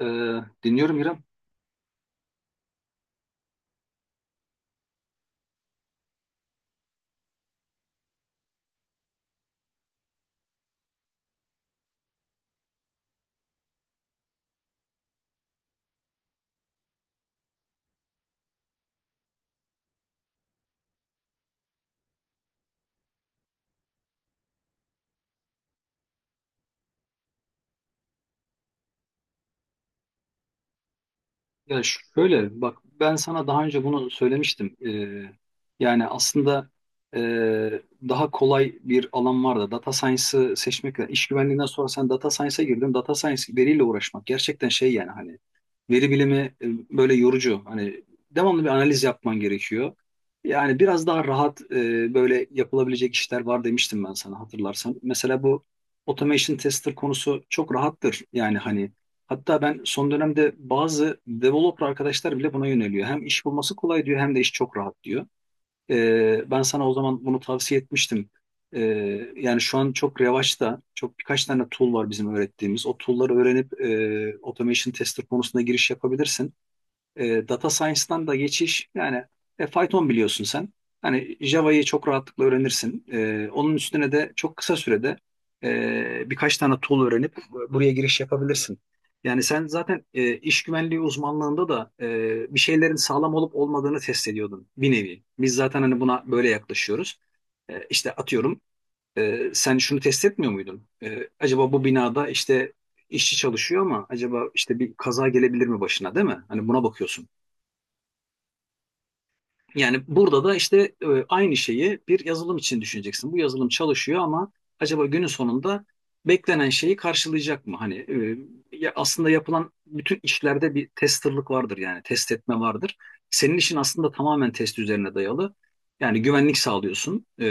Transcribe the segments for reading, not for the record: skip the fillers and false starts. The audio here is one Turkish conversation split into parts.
Ee, Dinliyorum İrem. Ya şöyle bak, ben sana daha önce bunu söylemiştim. Yani aslında ee, daha kolay bir alan var da data science'ı seçmek. İş güvenliğinden sonra sen data science'a girdin. Data science, veriyle uğraşmak gerçekten şey yani hani veri bilimi e, böyle yorucu. Hani devamlı bir analiz yapman gerekiyor. Yani biraz daha rahat böyle yapılabilecek işler var demiştim ben sana, hatırlarsan. Mesela bu automation tester konusu çok rahattır. Yani hani hatta ben son dönemde bazı developer arkadaşlar bile buna yöneliyor. Hem iş bulması kolay diyor, hem de iş çok rahat diyor. Ben sana o zaman bunu tavsiye etmiştim. Ee, Yani şu an çok revaçta, çok birkaç tane tool var bizim öğrettiğimiz. O tool'ları öğrenip automation tester konusunda giriş yapabilirsin. Data science'dan da geçiş yani Python biliyorsun sen. Hani Java'yı çok rahatlıkla öğrenirsin. Onun üstüne de çok kısa sürede birkaç tane tool öğrenip buraya giriş yapabilirsin. Yani sen zaten iş güvenliği uzmanlığında da bir şeylerin sağlam olup olmadığını test ediyordun bir nevi. Biz zaten hani buna böyle yaklaşıyoruz. İşte atıyorum, sen şunu test etmiyor muydun? Acaba bu binada işte işçi çalışıyor ama acaba işte bir kaza gelebilir mi başına, değil mi? Hani buna bakıyorsun. Yani burada da işte aynı şeyi bir yazılım için düşüneceksin. Bu yazılım çalışıyor ama acaba günün sonunda beklenen şeyi karşılayacak mı? Hani ya aslında yapılan bütün işlerde bir testerlık vardır, yani test etme vardır. Senin işin aslında tamamen test üzerine dayalı. Yani güvenlik sağlıyorsun.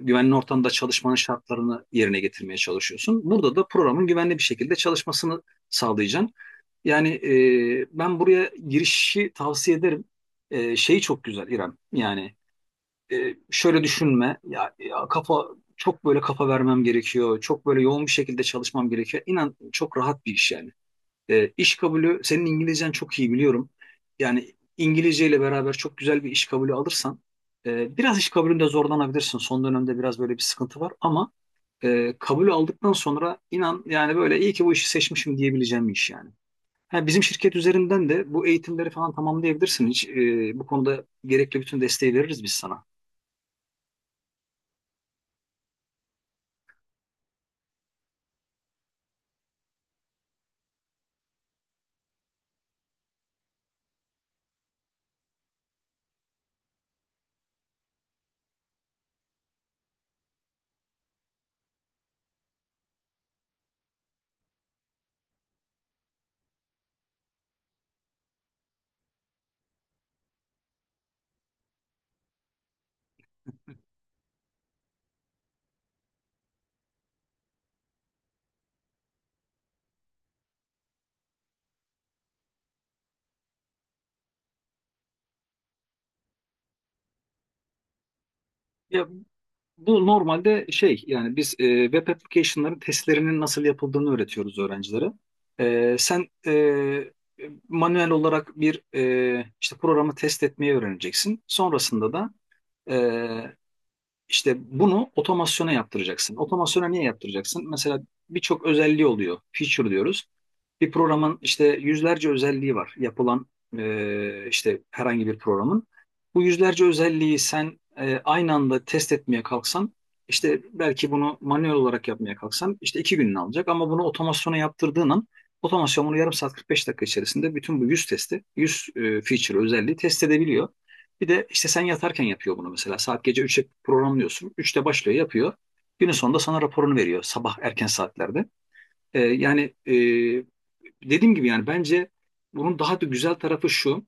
Güvenli ortamda çalışmanın şartlarını yerine getirmeye çalışıyorsun. Burada da programın güvenli bir şekilde çalışmasını sağlayacaksın. Yani ben buraya girişi tavsiye ederim. Şeyi çok güzel, İrem. Yani şöyle düşünme. Ya, ya kafa, çok böyle kafa vermem gerekiyor. Çok böyle yoğun bir şekilde çalışmam gerekiyor. İnan çok rahat bir iş yani. İş kabulü, senin İngilizcen çok iyi, biliyorum. Yani İngilizce ile beraber çok güzel bir iş kabulü alırsan, biraz iş kabulünde zorlanabilirsin. Son dönemde biraz böyle bir sıkıntı var ama kabulü aldıktan sonra inan, yani böyle iyi ki bu işi seçmişim diyebileceğim bir iş yani. Ha, bizim şirket üzerinden de bu eğitimleri falan tamamlayabilirsin. Hiç, bu konuda gerekli bütün desteği veririz biz sana. Ya bu normalde şey, yani biz web application'ların testlerinin nasıl yapıldığını öğretiyoruz öğrencilere. Sen manuel olarak bir işte programı test etmeyi öğreneceksin. Sonrasında da e, İşte bunu otomasyona yaptıracaksın. Otomasyona niye yaptıracaksın? Mesela birçok özelliği oluyor. Feature diyoruz. Bir programın işte yüzlerce özelliği var. Yapılan işte herhangi bir programın. Bu yüzlerce özelliği sen aynı anda test etmeye kalksan, işte belki bunu manuel olarak yapmaya kalksan işte 2 gününü alacak ama bunu otomasyona yaptırdığın an otomasyon bunu yarım saat 45 dakika içerisinde bütün bu 100 testi, 100 feature özelliği test edebiliyor. Bir de işte sen yatarken yapıyor bunu mesela. Saat gece 3'e programlıyorsun. Üçte başlıyor yapıyor. Günün sonunda sana raporunu veriyor, sabah erken saatlerde. Yani e, dediğim gibi yani bence bunun daha da güzel tarafı şu.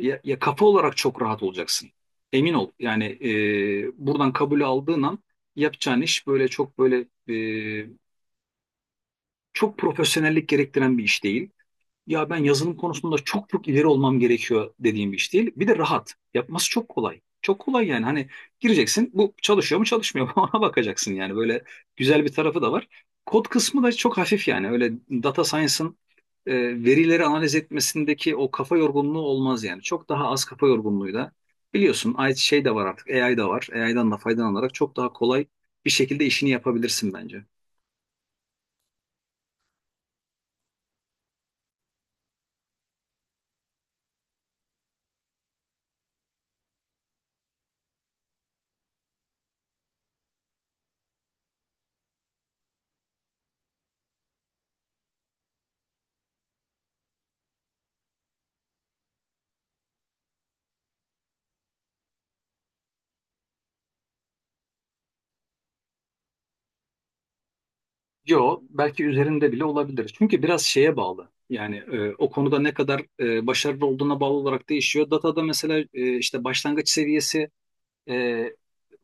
Ya, ya kafa olarak çok rahat olacaksın. Emin ol. Yani buradan kabul aldığın an yapacağın iş böyle çok böyle e, çok profesyonellik gerektiren bir iş değil, ya ben yazılım konusunda çok çok ileri olmam gerekiyor dediğim bir iş değil. Bir de rahat. Yapması çok kolay. Çok kolay yani hani, gireceksin, bu çalışıyor mu çalışmıyor mu ona bakacaksın, yani böyle güzel bir tarafı da var. Kod kısmı da çok hafif yani, öyle data science'ın e, verileri analiz etmesindeki o kafa yorgunluğu olmaz yani. Çok daha az kafa yorgunluğuyla, biliyorsun şey de var artık, AI da var. AI'dan da faydalanarak çok daha kolay bir şekilde işini yapabilirsin bence. Yo, belki üzerinde bile olabilir. Çünkü biraz şeye bağlı. Yani o konuda ne kadar başarılı olduğuna bağlı olarak değişiyor. Datada mesela işte başlangıç seviyesi, e,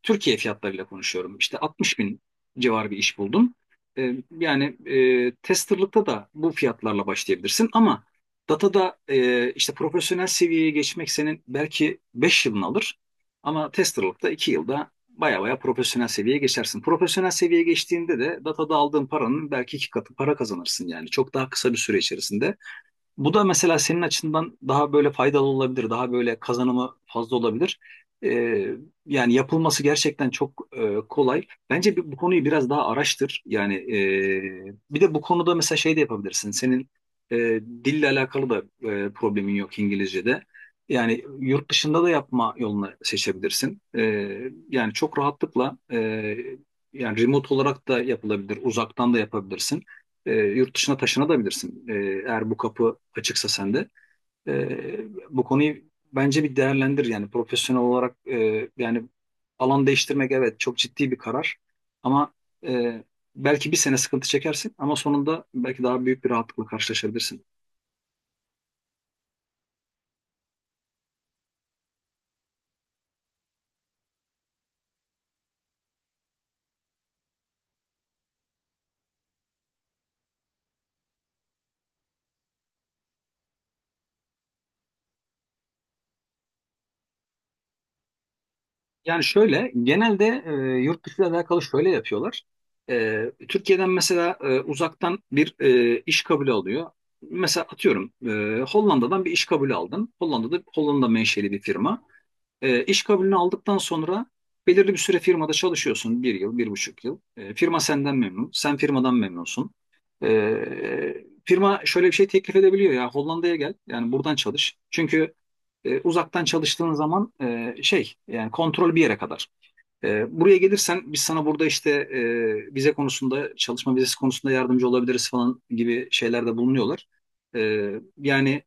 Türkiye fiyatlarıyla konuşuyorum, İşte 60 bin civarı bir iş buldum. E, Yani testerlıkta da bu fiyatlarla başlayabilirsin ama datada işte profesyonel seviyeye geçmek senin belki 5 yılını alır ama testerlıkta 2 yılda baya baya profesyonel seviyeye geçersin. Profesyonel seviyeye geçtiğinde de datada aldığın paranın belki iki katı para kazanırsın, yani çok daha kısa bir süre içerisinde. Bu da mesela senin açından daha böyle faydalı olabilir, daha böyle kazanımı fazla olabilir. Ee, Yani yapılması gerçekten çok kolay. Bence bu konuyu biraz daha araştır. Yani bir de bu konuda mesela şey de yapabilirsin. Senin e, dille alakalı da problemin yok İngilizce'de. Yani yurt dışında da yapma yolunu seçebilirsin. Yani çok rahatlıkla yani remote olarak da yapılabilir, uzaktan da yapabilirsin. Yurt dışına taşınabilirsin. Eğer bu kapı açıksa sende. E, Bu konuyu bence bir değerlendir, yani profesyonel olarak. Yani alan değiştirmek, evet, çok ciddi bir karar ama e, belki bir sene sıkıntı çekersin ama sonunda belki daha büyük bir rahatlıkla karşılaşabilirsin. Yani şöyle, genelde yurt dışı ile alakalı şöyle yapıyorlar. Türkiye'den mesela uzaktan bir iş kabulü alıyor. Mesela atıyorum, Hollanda'dan bir iş kabulü aldın. Hollanda'da, Hollanda menşeli bir firma. İş kabulünü aldıktan sonra belirli bir süre firmada çalışıyorsun. Bir yıl, bir buçuk yıl. Firma senden memnun, sen firmadan memnunsun. Firma şöyle bir şey teklif edebiliyor: ya Hollanda'ya gel, yani buradan çalış. Çünkü uzaktan çalıştığın zaman şey, yani kontrol bir yere kadar. Buraya gelirsen biz sana burada işte vize konusunda, çalışma vizesi konusunda yardımcı olabiliriz falan gibi şeylerde bulunuyorlar. E, Yani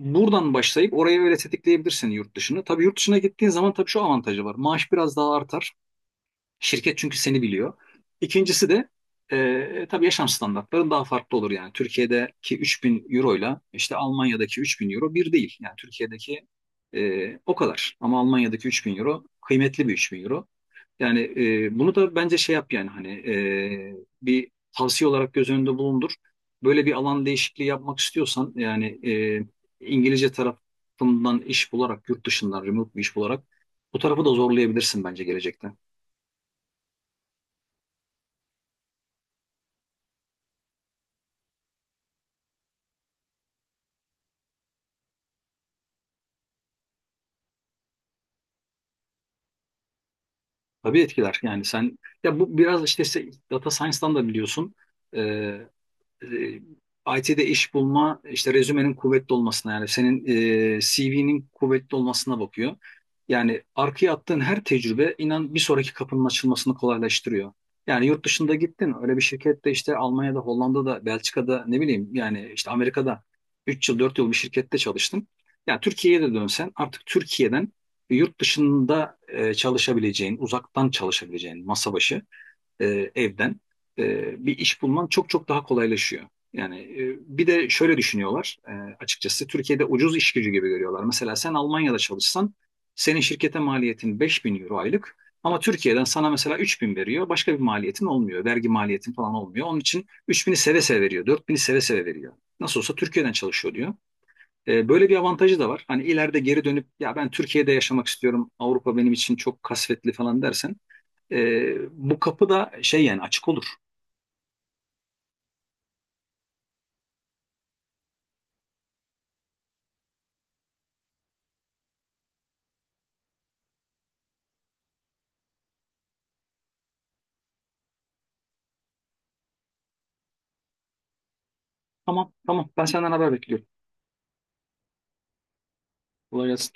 buradan başlayıp orayı öyle tetikleyebilirsin, yurt dışını. Tabii yurt dışına gittiğin zaman tabii şu avantajı var: maaş biraz daha artar. Şirket çünkü seni biliyor. İkincisi de, tabii yaşam standartların daha farklı olur yani. Türkiye'deki 3.000 euro ile işte Almanya'daki 3.000 euro bir değil. Yani Türkiye'deki, o kadar. Ama Almanya'daki 3.000 euro kıymetli bir 3.000 euro. Yani bunu da bence şey yap, yani hani bir tavsiye olarak göz önünde bulundur. Böyle bir alan değişikliği yapmak istiyorsan, yani İngilizce tarafından iş bularak, yurt dışından remote bir iş bularak bu tarafı da zorlayabilirsin bence gelecekte. Tabii etkiler. Yani sen, ya bu biraz işte data science'dan da biliyorsun. Ee, IT'de iş bulma işte rezümenin kuvvetli olmasına, yani senin CV'nin kuvvetli olmasına bakıyor. Yani arkaya attığın her tecrübe, inan, bir sonraki kapının açılmasını kolaylaştırıyor. Yani yurt dışında gittin, öyle bir şirkette işte Almanya'da, Hollanda'da, Belçika'da, ne bileyim yani, işte Amerika'da 3 yıl 4 yıl bir şirkette çalıştım. Yani Türkiye'ye de dönsen artık Türkiye'den yurt dışında çalışabileceğin, uzaktan çalışabileceğin, masa başı, evden bir iş bulman çok çok daha kolaylaşıyor. Yani bir de şöyle düşünüyorlar açıkçası, Türkiye'de ucuz iş gücü gibi görüyorlar. Mesela sen Almanya'da çalışsan senin şirkete maliyetin 5.000 euro aylık ama Türkiye'den sana mesela 3.000 veriyor, başka bir maliyetin olmuyor. Vergi maliyetin falan olmuyor. Onun için 3.000'i seve seve veriyor, 4.000'i seve seve veriyor. Nasıl olsa Türkiye'den çalışıyor diyor. Böyle bir avantajı da var. Hani ileride geri dönüp ya ben Türkiye'de yaşamak istiyorum, Avrupa benim için çok kasvetli falan dersen, bu kapı da şey, yani açık olur. Tamam tamam, ben senden haber bekliyorum. Kolay gelsin.